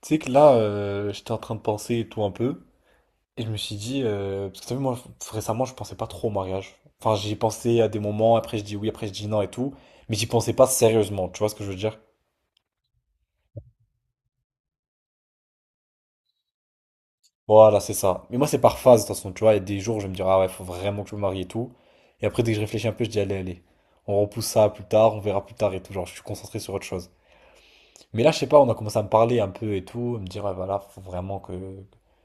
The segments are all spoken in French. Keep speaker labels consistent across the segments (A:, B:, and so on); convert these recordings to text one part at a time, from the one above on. A: Tu sais que là, j'étais en train de penser et tout un peu, et je me suis dit, parce que t'as vu, moi, récemment, je pensais pas trop au mariage. Enfin, j'y ai pensé à des moments, après je dis oui, après je dis non et tout, mais j'y pensais pas sérieusement, tu vois ce que je veux dire? Voilà, c'est ça. Mais moi, c'est par phase, de toute façon, tu vois, il y a des jours où je vais me dire, ah ouais, faut vraiment que je me marie et tout, et après, dès que je réfléchis un peu, je dis, allez, allez, on repousse ça à plus tard, on verra plus tard et tout, genre, je suis concentré sur autre chose. Mais là, je sais pas, on a commencé à me parler un peu et tout, à me dire, ah, voilà, faut vraiment que,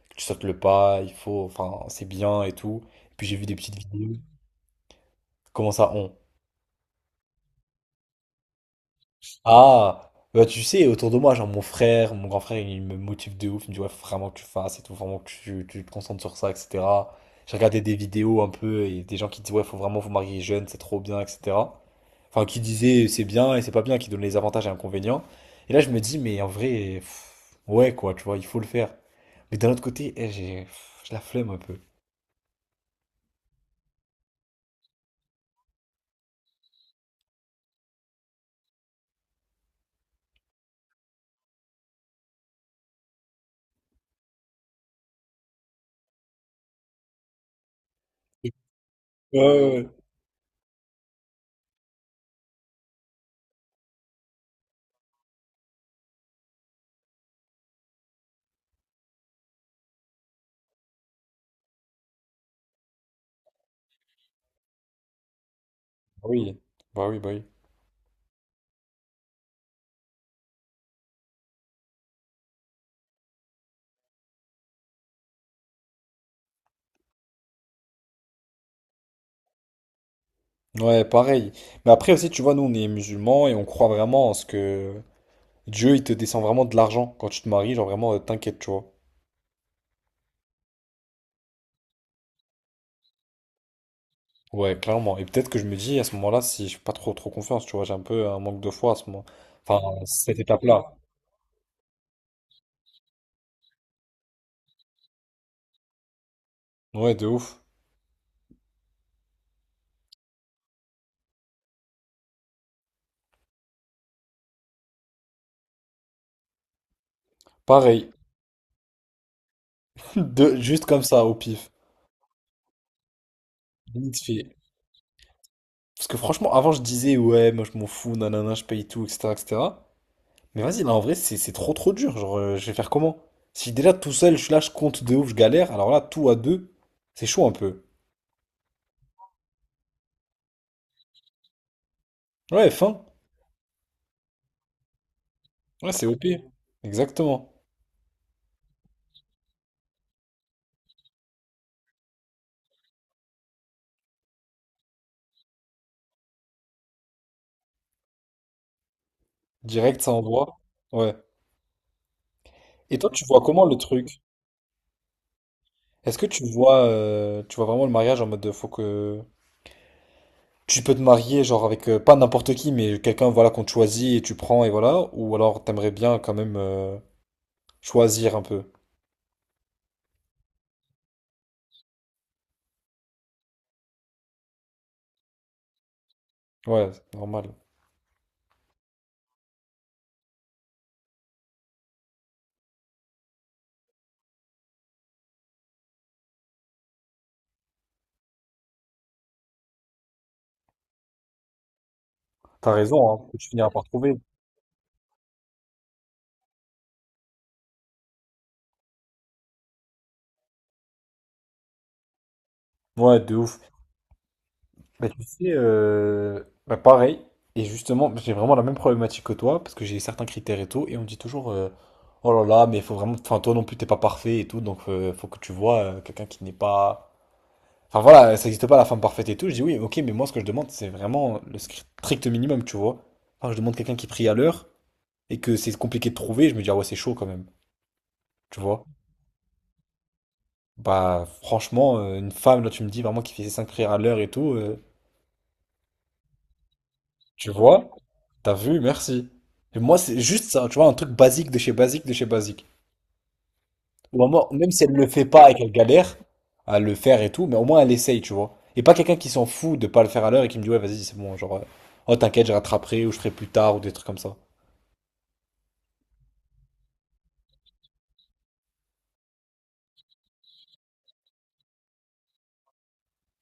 A: que tu sautes le pas, il faut, enfin, c'est bien et tout. Et puis j'ai vu des petites vidéos. Comment ça, on? Ah, bah, tu sais, autour de moi, genre mon frère, mon grand frère, il me motive de ouf, il me dit, ouais, faut vraiment que tu fasses et tout, vraiment que tu te concentres sur ça, etc. J'ai regardé des vidéos un peu et des gens qui disent, ouais, faut vraiment vous marier jeune, c'est trop bien, etc. Enfin, qui disait c'est bien et c'est pas bien, qui donne les avantages et inconvénients. Et là, je me dis, mais en vrai, ouais, quoi, tu vois, il faut le faire. Mais d'un autre côté, eh, j'ai la flemme un peu. Ouais, ouais, ouais. Bah oui, bah oui, bah oui. Ouais, pareil. Mais après aussi, tu vois, nous, on est musulmans et on croit vraiment en ce que Dieu, il te descend vraiment de l'argent quand tu te maries, genre vraiment, t'inquiète, tu vois. Ouais, clairement. Et peut-être que je me dis, à ce moment-là, si je suis pas trop trop confiance, tu vois, j'ai un peu un manque de foi à ce moment. Enfin, cette étape-là. Ouais, de ouf. Pareil. De, juste comme ça, au pif. Vite fait. Parce que franchement, avant, je disais, ouais, moi, je m'en fous, nanana, je paye tout, etc., etc. Mais vas-y, là, en vrai, c'est trop, trop dur. Genre, je vais faire comment? Si déjà, tout seul, je suis là, je compte de ouf, je galère, alors là, tout à deux, c'est chaud un peu. Ouais, fin. Ouais, c'est OP. Exactement. Direct, ça envoie. Ouais. Et toi, tu vois comment le truc? Est-ce que tu vois vraiment le mariage en mode de, faut que... Tu peux te marier, genre avec pas n'importe qui, mais quelqu'un voilà qu'on te choisit et tu prends et voilà, ou alors t'aimerais bien quand même choisir un peu. Ouais, c'est normal. T'as raison, hein, tu finiras par trouver. Ouais, de ouf. Bah tu sais, bah, pareil. Et justement, j'ai vraiment la même problématique que toi, parce que j'ai certains critères et tout, et on me dit toujours, oh là là, mais il faut vraiment, enfin toi non plus t'es pas parfait et tout, donc faut que tu vois quelqu'un qui n'est pas. Enfin voilà, ça n'existe pas la femme parfaite et tout. Je dis oui, ok, mais moi ce que je demande, c'est vraiment le strict minimum, tu vois. Enfin, je demande quelqu'un qui prie à l'heure et que c'est compliqué de trouver, je me dis ah ouais, c'est chaud quand même, tu vois. Bah franchement, une femme, là tu me dis vraiment qui fait ses cinq prières à l'heure et tout, tu vois, t'as vu, merci. Et moi c'est juste ça, tu vois, un truc basique de chez basique de chez basique. Ou à moi, même si elle ne le fait pas et qu'elle galère à le faire et tout, mais au moins elle essaye, tu vois. Et pas quelqu'un qui s'en fout de pas le faire à l'heure et qui me dit, ouais, vas-y, c'est bon, genre, oh, t'inquiète, je rattraperai ou je ferai plus tard ou des trucs comme ça.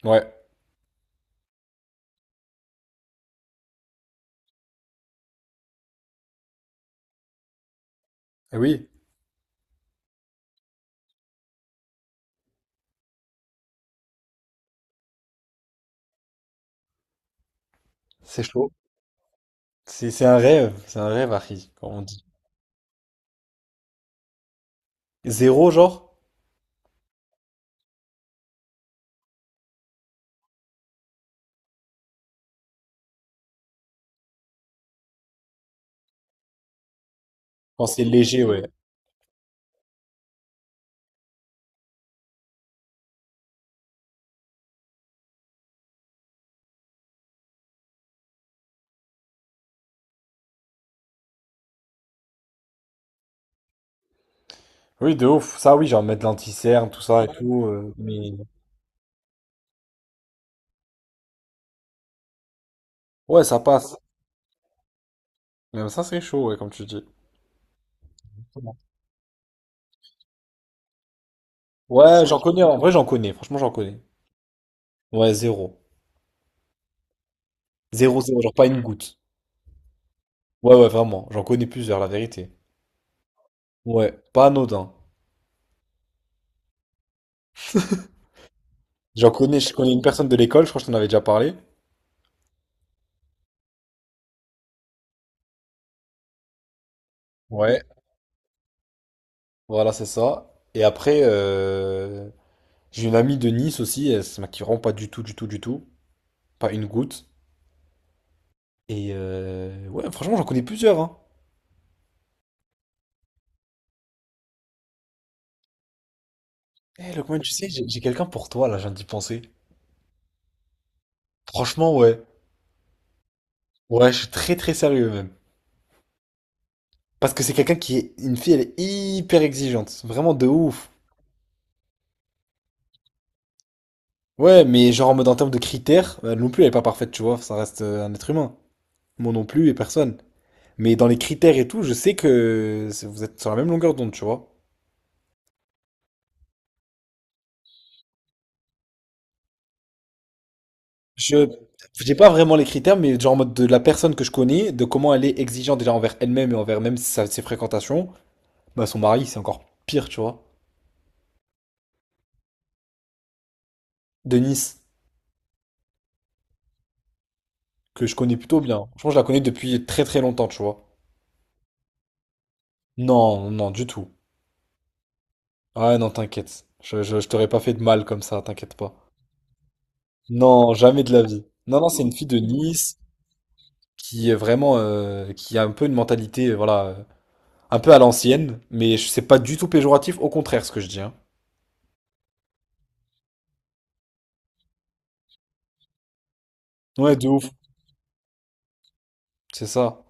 A: Ouais. Eh oui, c'est chaud. C'est un rêve, c'est un rêve, Harry, comme on dit. Zéro, genre, quand c'est léger, ouais. Oui, de ouf. Ça, oui, genre mettre l'anti-cerne, tout ça et tout. Mais ouais, ça passe. Même ça, c'est chaud, ouais, comme tu dis. Ouais, j'en connais, en vrai, j'en connais. Franchement, j'en connais. Ouais, zéro. Zéro, zéro, genre pas une goutte. Ouais, ouais, vraiment. J'en connais plusieurs, la vérité. Ouais, pas anodin. J'en connais, je connais une personne de l'école, je crois que je t'en avais déjà parlé. Ouais, voilà, c'est ça. Et après, j'ai une amie de Nice aussi, elle se maquille vraiment pas du tout, du tout, du tout. Pas une goutte. Et ouais, franchement, j'en connais plusieurs, hein. Eh, Lokman, tu sais, j'ai quelqu'un pour toi, là, je viens d'y penser. Franchement, ouais. Ouais, je suis très, très sérieux, même. Parce que c'est quelqu'un qui est... Une fille, elle est hyper exigeante. Vraiment de ouf. Ouais, mais genre en mode en termes de critères, elle non plus elle est pas parfaite, tu vois, ça reste un être humain. Moi non plus et personne. Mais dans les critères et tout, je sais que vous êtes sur la même longueur d'onde, tu vois. Je j'ai pas vraiment les critères, mais genre en mode de la personne que je connais, de comment elle est exigeante déjà envers elle-même et envers même ses fréquentations, bah son mari c'est encore pire, tu vois. Denise, que je connais plutôt bien. Franchement, je la connais depuis très très longtemps, tu vois. Non, non, du tout. Ah non, t'inquiète. Je t'aurais pas fait de mal comme ça, t'inquiète pas. Non, jamais de la vie. Non, non, c'est une fille de Nice qui est vraiment, qui a un peu une mentalité, voilà, un peu à l'ancienne, mais c'est pas du tout péjoratif, au contraire, ce que je dis, hein. Ouais, de ouf, c'est ça.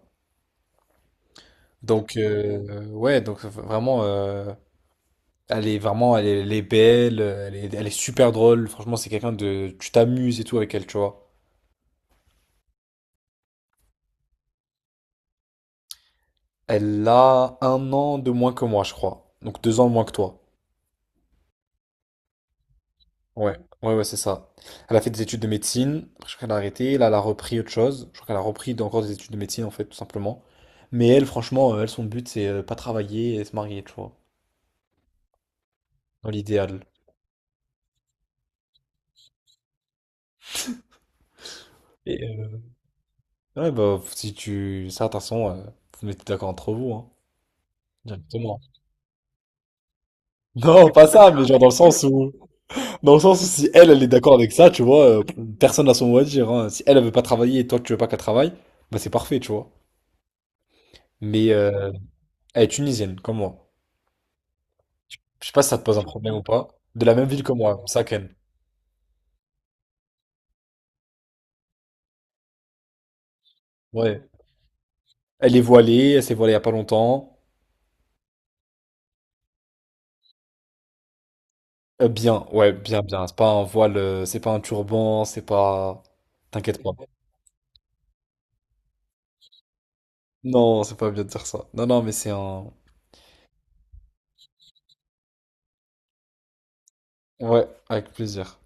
A: Donc, ouais, donc vraiment, elle est vraiment, elle est belle, elle est super drôle. Franchement, c'est quelqu'un de, tu t'amuses et tout avec elle, tu vois. Elle a 1 an de moins que moi, je crois. Donc 2 ans de moins que toi. Ouais, ouais, ouais, c'est ça. Elle a fait des études de médecine, après, je crois qu'elle a arrêté, là, elle a repris autre chose. Je crois qu'elle a repris encore des études de médecine, en fait, tout simplement. Mais elle, franchement, elle, son but, c'est pas travailler et se marier, tu vois, dans l'idéal. Et ouais, bah, si tu. Ça, de toute façon, vous vous mettez d'accord entre vous, hein, directement. Non, pas ça, mais genre dans le sens où. Dans le sens où si elle, elle est d'accord avec ça, tu vois, personne n'a son mot à dire. Hein. Si elle, elle veut pas travailler et toi, tu veux pas qu'elle travaille, bah, c'est parfait, tu vois. Mais elle est tunisienne, comme moi. Je sais pas si ça te pose un problème ou pas. De la même ville que moi, Saken. Ouais. Elle est voilée, elle s'est voilée il y a pas longtemps. Bien, ouais, bien, bien. C'est pas un voile, c'est pas un turban, c'est pas. T'inquiète pas. Non, c'est pas bien de dire ça. Non, non, mais c'est un. Ouais, avec plaisir.